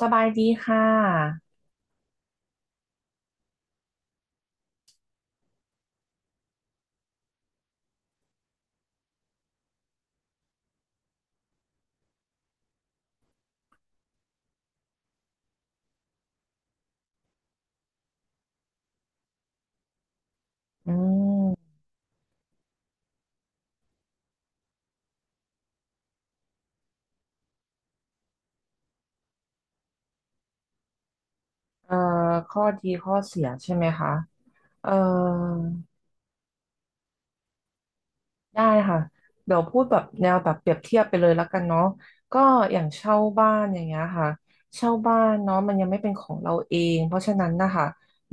สบายดีค่ะ อืม เอ่ข้อดีข้อเสียใช่ไหมคะ เอ่อ ได้ค่ะเดี๋ยวพูดแบบแนวแบบเปรียบเทียบไปเลยแล้วกันเนาะก็อย่างเช่าบ้านอย่างเงี้ยค่ะเช่าบ้านเนาะมันยังไม่เป็นของเราเองเพราะฉะนั้นนะคะ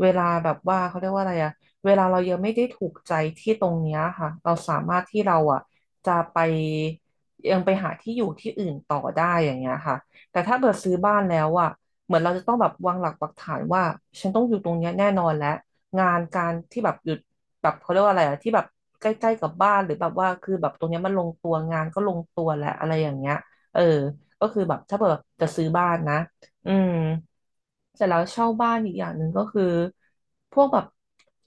เวลาแบบว่าเขาเรียกว่าอะไรอะเวลาเรายังไม่ได้ถูกใจที่ตรงเนี้ยค่ะเราสามารถที่เราอะจะไปยังไปหาที่อยู่ที่อื่นต่อได้อย่างเงี้ยค่ะแต่ถ้าเกิดซื้อบ้านแล้วอะเหมือนเราจะต้องแบบวางหลักปักฐานว่าฉันต้องอยู่ตรงเนี้ยแน่นอนแล้ว งานการที่แบบหยุดแบบเขาเรียกว่าอะไรอะที่แบบใกล้ๆกับบ้านหรือแบบว่าคือแบบตรงเนี้ยมันลงตัวงานก็ลงตัวแหละอะไรอย่างเงี้ยเออก็คือแบบถ้าเกิดแบบจะซื้อบ้านนะอืม เสร็จแล้วเช่าบ้านอีกอย่างหนึ่งก็คือพวกแบบ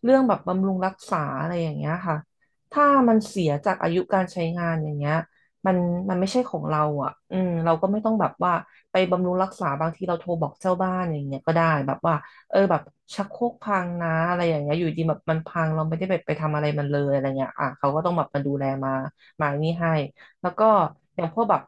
เรื่องแบบบำรุงรักษาอะไรอย่างเงี้ยค่ะถ้ามันเสียจากอายุการใช้งานอย่างเงี้ยมันมันไม่ใช่ของเราอ่ะอืมเราก็ไม่ต้องแบบว่าไปบำรุงรักษาบางทีเราโทรบอกเจ้าบ้านอย่างเงี้ยก็ได้แบบว่าเออแบบชักโครกพังนะอะไรอย่างเงี้ยอยู่ดีแบบมันพังเราไม่ได้แบบไปทำอะไรมันเลยอะไรเงี้ยอ่ะเขาก็ต้องแบบมาดูแลมานี่ให้แล้วก็อย่างพวกแบบ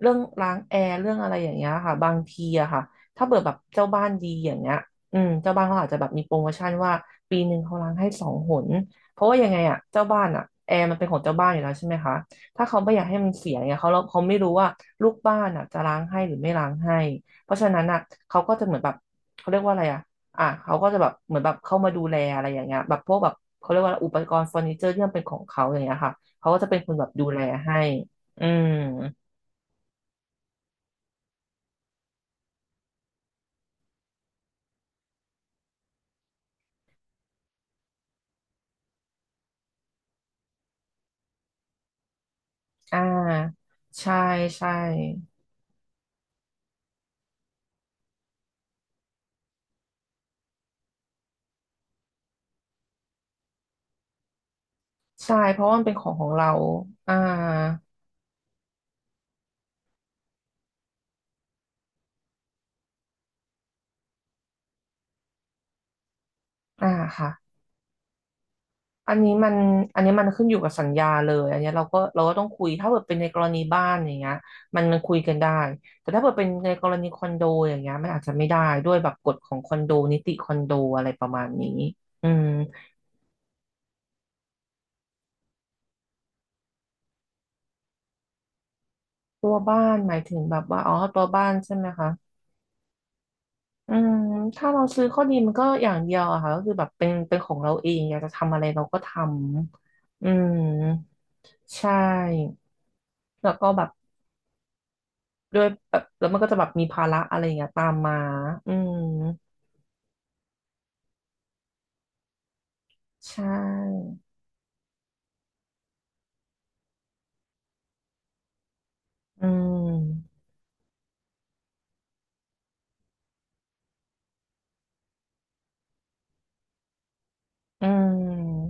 เรื่องล้างแอร์เรื่องอะไรอย่างเงี้ยค่ะบางทีอะค่ะ ถ้าเปิดแบบเจ้าบ้านดีอย่างเงี้ยอืมเจ้าบ้านเขาอาจจะแบบมีโปรโมชั่นว่าปีหนึ่งเขาล้างให้สองหนเพราะว่ายังไงอ่ะเจ้าบ้านอ่ะแอร์มันเป็นของเจ้าบ้านอยู่แล้วใช่ไหมคะถ้าเขาไม่อยากให้มันเสียเนี่ยเขาไม่รู้ว่าลูกบ้านอ่ะจะล้างให้หรือไม่ล้างให้เพราะฉะนั้นอ่ะเขาก็จะเหมือนแบบเขาเรียกว่าอะไรอ่ะอ่ะเขาก็จะแบบเหมือนแบบเข้ามาดูแลอะไรอย่างเงี้ยแบบพวกแบบเขาเรียกว่าอะไรอุปกรณ์เฟอร์นิเจอร์ที่มันเป็นของเขาอย่างเงี้ยค่ะเขาก็จะเป็นคนแบบดูแลให้อืมอ่าใช่ใช่ ใช่ เพราะว่ามันเป็นของเราอ่าอ่าค่ะอันนี้มันอันนี้มันขึ้นอยู่กับสัญญาเลย อันเนี้ยเราก็ต้องคุย ถ้าเกิดเป็นในกรณีบ้านอย่างเงี้ยมันคุยกันได้แต่ถ้าเกิดเป็นในกรณีคอนโดอย่างเงี้ยมันอาจจะไม่ได้ด้วยแบบกฎของคอนโดนิติคอนโดอะไรประมาณนี้อืมตัวบ้านหมายถึงแบบว่าอ๋อตัวบ้านใช่ไหมคะอืมถ้าเราซื้อข้อดีมันก็อย่างเดียวอะค่ะก็คือแบบเป็นของเราเองอยากจะทำอะไรเราก็ทำอืมใช่แล้วก็แบบ ด้วยแบบแล้วมันก็จะแบบมีภาระอะไรอย่างเงี้ยตามมา อืม ใช่ อืม อืม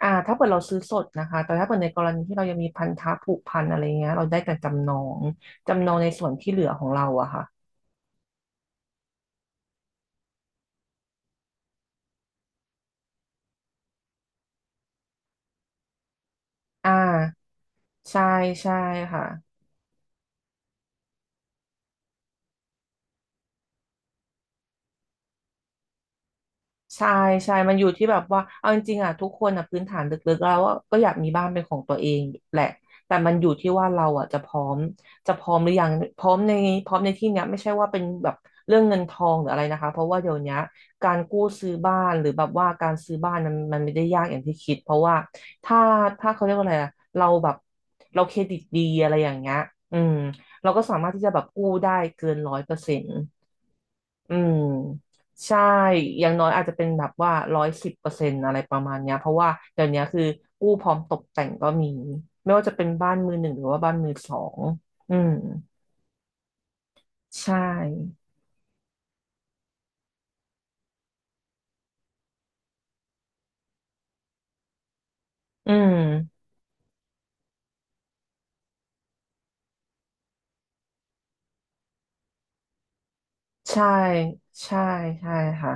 อ่าถ้าเกิดเราซื้อสดนะคะ แต่ถ้าเกิดในกรณีที่เรายังมีพันธะผูกพันอะไรเงี้ยเราได้แต่จำนอง จำนองในส่วนที่เหลือของเราอะค่ะ อ่าใช่ ใช่ค่ะ ใช่ใช่ มันอยู่ที่แบบว่าเอาจริงๆอ่ะทุกคนอ่ะพื้นฐานลึกๆแล้วอะก็อยากมีบ้านเป็นของตัวเองแหละแต่มันอยู่ที่ว่าเราอ่ะจะพร้อมหรือยังพร้อมในพร้อมในที่เนี้ยไม่ใช่ว่าเป็นแบบเรื่องเงินทองหรืออะไรนะคะเพราะว่าเดี๋ยวเนี้ยการกู้ซื้อบ้านหรือแบบว่าการซื้อบ้านมันไม่ได้ยากอย่างที่คิดเพราะว่าถ้าถ้าเขาเรียกว่าอะไรอ่ะเราแบบเราเครดิตดีอะไรอย่างเงี้ยอืมเราก็สามารถที่จะแบบกู้ได้เกินร้อยเปอร์เซ็นต์ อืมใช่อย่างน้อยอาจจะเป็นแบบว่าร้อยสิบเปอร์เซ็นต์อะไรประมาณเนี้ยเพราะว่าเดี๋ยวเนี้ยคือกู้พร้อมตกแต่งก็มีไม่ว่าจะเป็นบ้านมือหนึ่งหรือว่าบ้านมือสองอืมใช่อืมใช่ใช่ใช่ค่ะ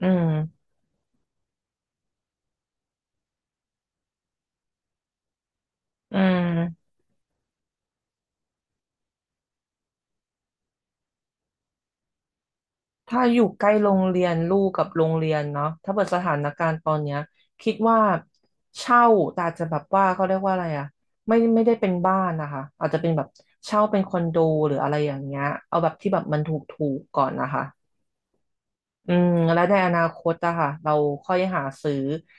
อืมอืม ถ้าอยู่ใกล้โรงเรียนลูกกับโรงเรียนเนาะถ้าเปิดสถานการณ์ตอนเนี้ยคิดว่าเช่าแต่อาจจะแบบว่าเขาเรียกว่าอะไรอะไม่ได้เป็นบ้านนะคะอาจจะเป็นแบบเช่าเป็นคอนโดหรืออะไรอย่างเงี้ยเอาแบบที่แบบมันถูกๆก่อนนะคะ อืมแล้วในอนาคตอะค่ะเราค่อยหาซื้อ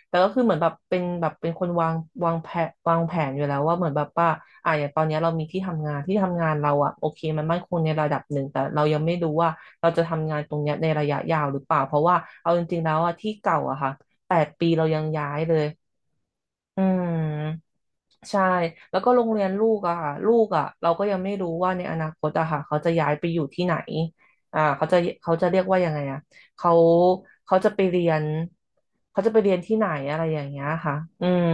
แต่ก็คือเหมือนแบบเป็นแบบเป็นคนวางแผนอยู่แล้วว่าเหมือนแบบว่าอ่ะอย่างตอนเนี้ยเรามีที่ทำงานเราอะโอเคมันมั่นคงในระดับหนึ่งแต่เรายังไม่รู้ว่าเราจะทำงานตรงเนี้ยในระยะยาวหรือเปล่าเพราะว่าเอาจริงๆแล้วอะที่เก่าอะค่ะ8 ปีเรายังย้ายเลยอืม ใช่แล้วก็โรงเรียนลูกอะค่ะลูกอะเราก็ยังไม่รู้ว่าในอนาคตอะค่ะเขาจะย้ายไปอยู่ที่ไหนเขาจะเรียกว่ายังไงอะเขาเขาจะไปเรียนเขาจะไปเรียนที่ไหนอะไรอย่างเงี้ยค่ะอืม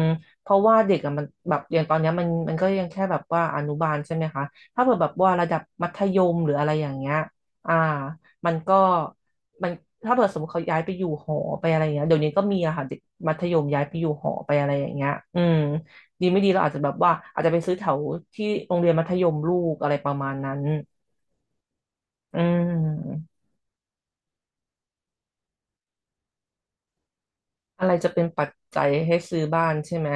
เพราะว่าเด็กอะมันแบบอย่างตอนเนี้ยมันก็ยังแค่แบบว่าอนุบาลใช่ไหมคะถ้าเกิดแบบว่าระดับมัธยมหรืออะไรอย่างเงี้ยอ่ามันก็มันถ้าเกิดสมมติเขาย้ายไปอยู่หอไปอะไรอย่างเงี้ยเดี๋ยวนี้ก็มีอะค่ะเด็กมัธยมย้ายไปอยู่หอไปอะไรอย่างเงี้ยอืม ดีไม่ดีเราอาจจะแบบว่าอาจจะไปซื้อแถวที่โรงเรียนมัธยมลูกอะไรประมาณนั้นอืมอะไรจะเป็นปัจจัยให้ซื้อบ้านใช่ไหม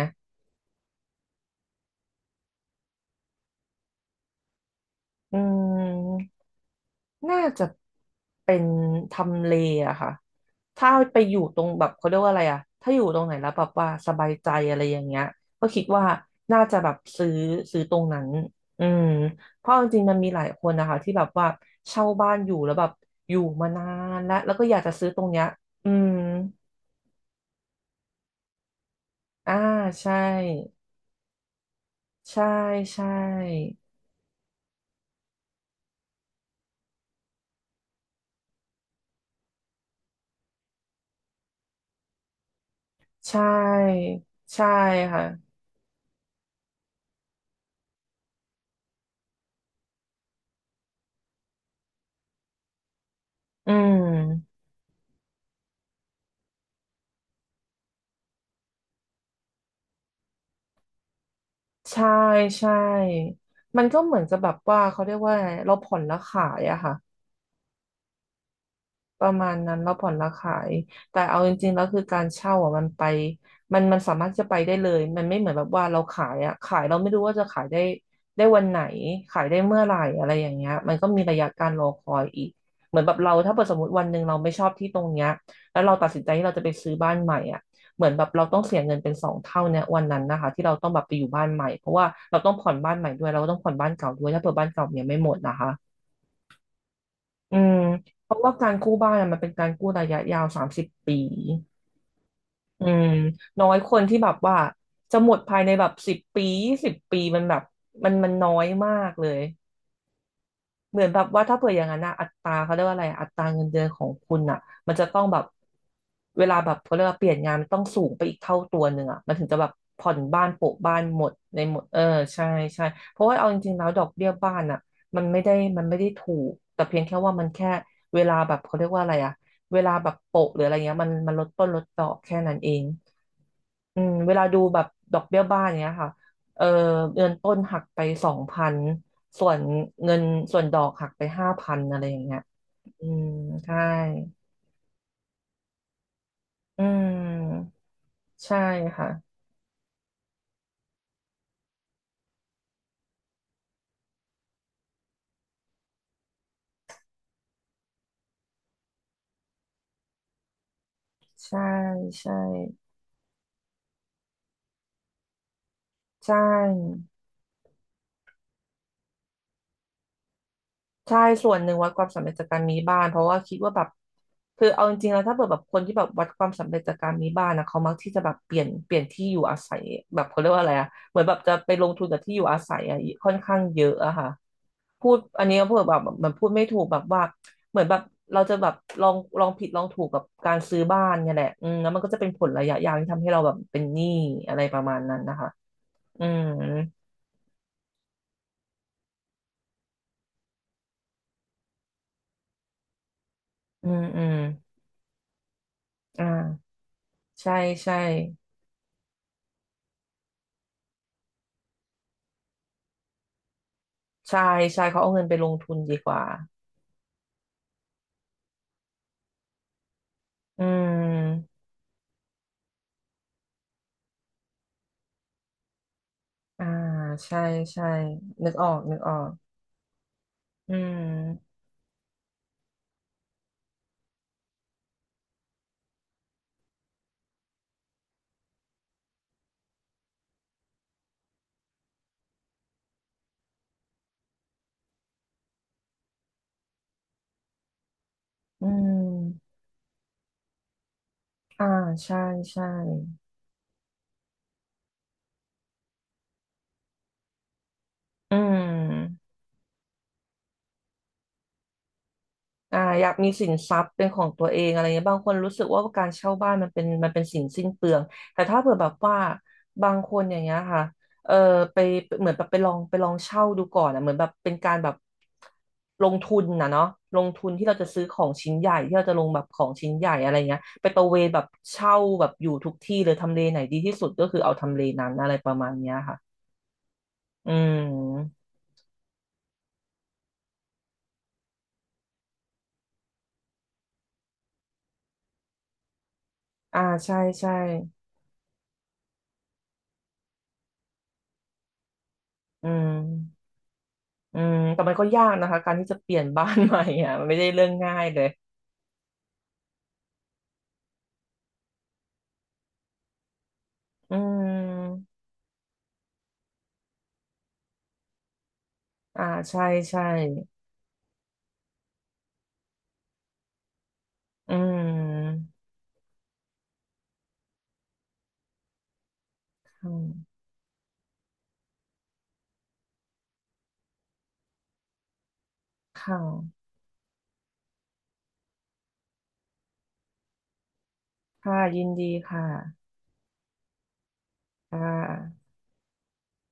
อืมน่าจะเป็นทำเลอะค่ะถ้าไปอยู่ตรงแบบเขาเรียกว่าอะไรอะถ้าอยู่ตรงไหนแล้วแบบว่าสบายใจอะไรอย่างเงี้ยก็คิดว่าน่าจะแบบซื้อตรงนั้นอืมเพราะจริงๆมันมีหลายคนนะคะที่แบบว่าเช่าบ้านอยู่แล้วแบบอยู่มานานแล้วแล้วก็อยากจะซื้อตรงเนี้ยอืม อ่าใช่ใช่ใช่ใช่ใช่ค่ะอืมใช่ใช่มันก็เหมือนกับแบบว่าเขาเรียกว่าไงเราผ่อนแล้วขายอะค่ะ ประมาณนั้นเราผ่อนเราขายแต่เอาจริงๆแล้วคือการเช่าอ่ะมันไปมันสามารถจะไปได้เลยมันไม่เหมือนแบบว่าเราขายอ่ะขายเราไม่รู้ว่าจะขายได้วันไหนขายได้เมื่อไหร่อะไรอย่างเงี้ยมันก็มีระยะการรอคอยอีกเหมือนแบบเราถ้าเกิดสมมติวันหนึ่งเราไม่ชอบที่ตรงเนี้ยแล้วเราตัดสินใจที่เราจะไปซื้อบ้านใหม่อ่ะเหมือนแบบเราต้องเสียเงินเป็นสองเท่าเนี่ยวันนั้นนะคะที่เราต้องแบบไปอยู่บ้านใหม่เพราะว่าเราต้องผ่อนบ้านใหม่ด้วยเราก็ต้องผ่อนบ้านเก่าด้วยถ้าเผื่อบ้านเก่าเนี่ยไม่หมดนะคะ อืมเพราะว่าการกู้บ้านอะมันเป็นการกู้ระยะยาว30 ปีอืมน้อยคนที่แบบว่าจะหมดภายในแบบสิบปี20 ปีมันแบบมันน้อยมากเลย เหมือนแบบว่าถ้าเผื่ออย่างนั้นนะอัตราเขาเรียกว่าอะไรอัตราเงินเดือนของคุณอ่ะมันจะต้องแบบเวลาแบบเขาเรียกว่าเปลี่ยนงานมันต้องสูงไปอีกเท่าตัวหนึ่งอ่ะมันถึงจะแบบผ่อนบ้านโปะบ้านหมดในหมดใช่ใช่เพราะว่าเอาจริงๆแล้วดอกเบี้ยบ้านอ่ะมันไม่ได้มันไม่ได้ถูกแต่เพียงแค่ว่ามันแค่เวลาแบบเขาเรียกว่าอะไรอ่ะเวลาแบบโปะหรืออะไรเงี้ยมันลดต้นลดดอกแค่นั้นเองอืมเวลาดูแบบดอกเบี้ยบ้านเนี้ยค่ะเออเงินต้นหักไป2,000 ส่วนเงินส่วนดอกหักไป5,000อะไรอย่างเงี้ยอืมใช่อืมใช่ค่ะใช่ใช่ใช่ใช่ส่วนหนึ่งวัดความสำเร็จจากการมีบ้านเพราะว่าคิดว่าแบบคือเอาจริงๆแล้วถ้าเกิดแบบคนที่แบบวัดความสำเร็จจากการมีบ้านนะเขามักที่จะแบบเปลี่ยนที่อยู่อาศัยแบบเขาเรียกว่าอะไรอะเหมือนแบบจะไปลงทุนกับที่อยู่อาศัยอะค่อนข้างเยอะอะค่ะ พูดอันนี้ก็พูดแบบแบบมันพูดไม่ถูกแบบว่าเหมือนแบบเราจะแบบลองลองผิดลองถูกกับการซื้อบ้านเนี่ยแหละอืมแล้วมันก็จะเป็นผลระยะยาวที่ทำให้เราแบบเป็นหนี้อะไรประมาณนั้นนะคะอืมอืมอืมอ่าใช่ใช่ใช่ใช่เขาเอาเงินไปลงทุนดีกว่าอืมอ่าใช่ใช่นึกออกนึกออกอืมอืมอ่าใช่ใช่อืม อ่าอยากมีสินทรัพย์เป็นของตัวเองอะไรเงี้ยบางคนรู้สึกว่าการเช่าบ้านมันเป็นสิ่งสิ้นเปลืองแต่ถ้าเผื่อแบบว่าบางคนอย่างเงี้ยค่ะเออไปเหมือนแบบไปลองเช่าดูก่อนอ่ะเหมือนแบบเป็นการแบบลงทุนนะเนาะลงทุนที่เราจะซื้อของชิ้นใหญ่ที่เราจะลงแบบของชิ้นใหญ่อะไรเงี้ยไปตระเวนแบบเช่าแบบอยู่ทุกที่เลยทำเลไหนดีที่สุดก็คือเอาทำเลนั้นอะไรประมาณเนี้ยค่ะอืมอ่าใช่ใช่อืม อืมแต่มันก็ยากนะคะ การที่จะเปลี่ยนบ้านใหม่อ่ะ มันไม่ได้เรื่องง่ายเลย อืมอ่าใช่ ใช่ อืมค่ะค่ะค่ะยินดีค่ะค่ะ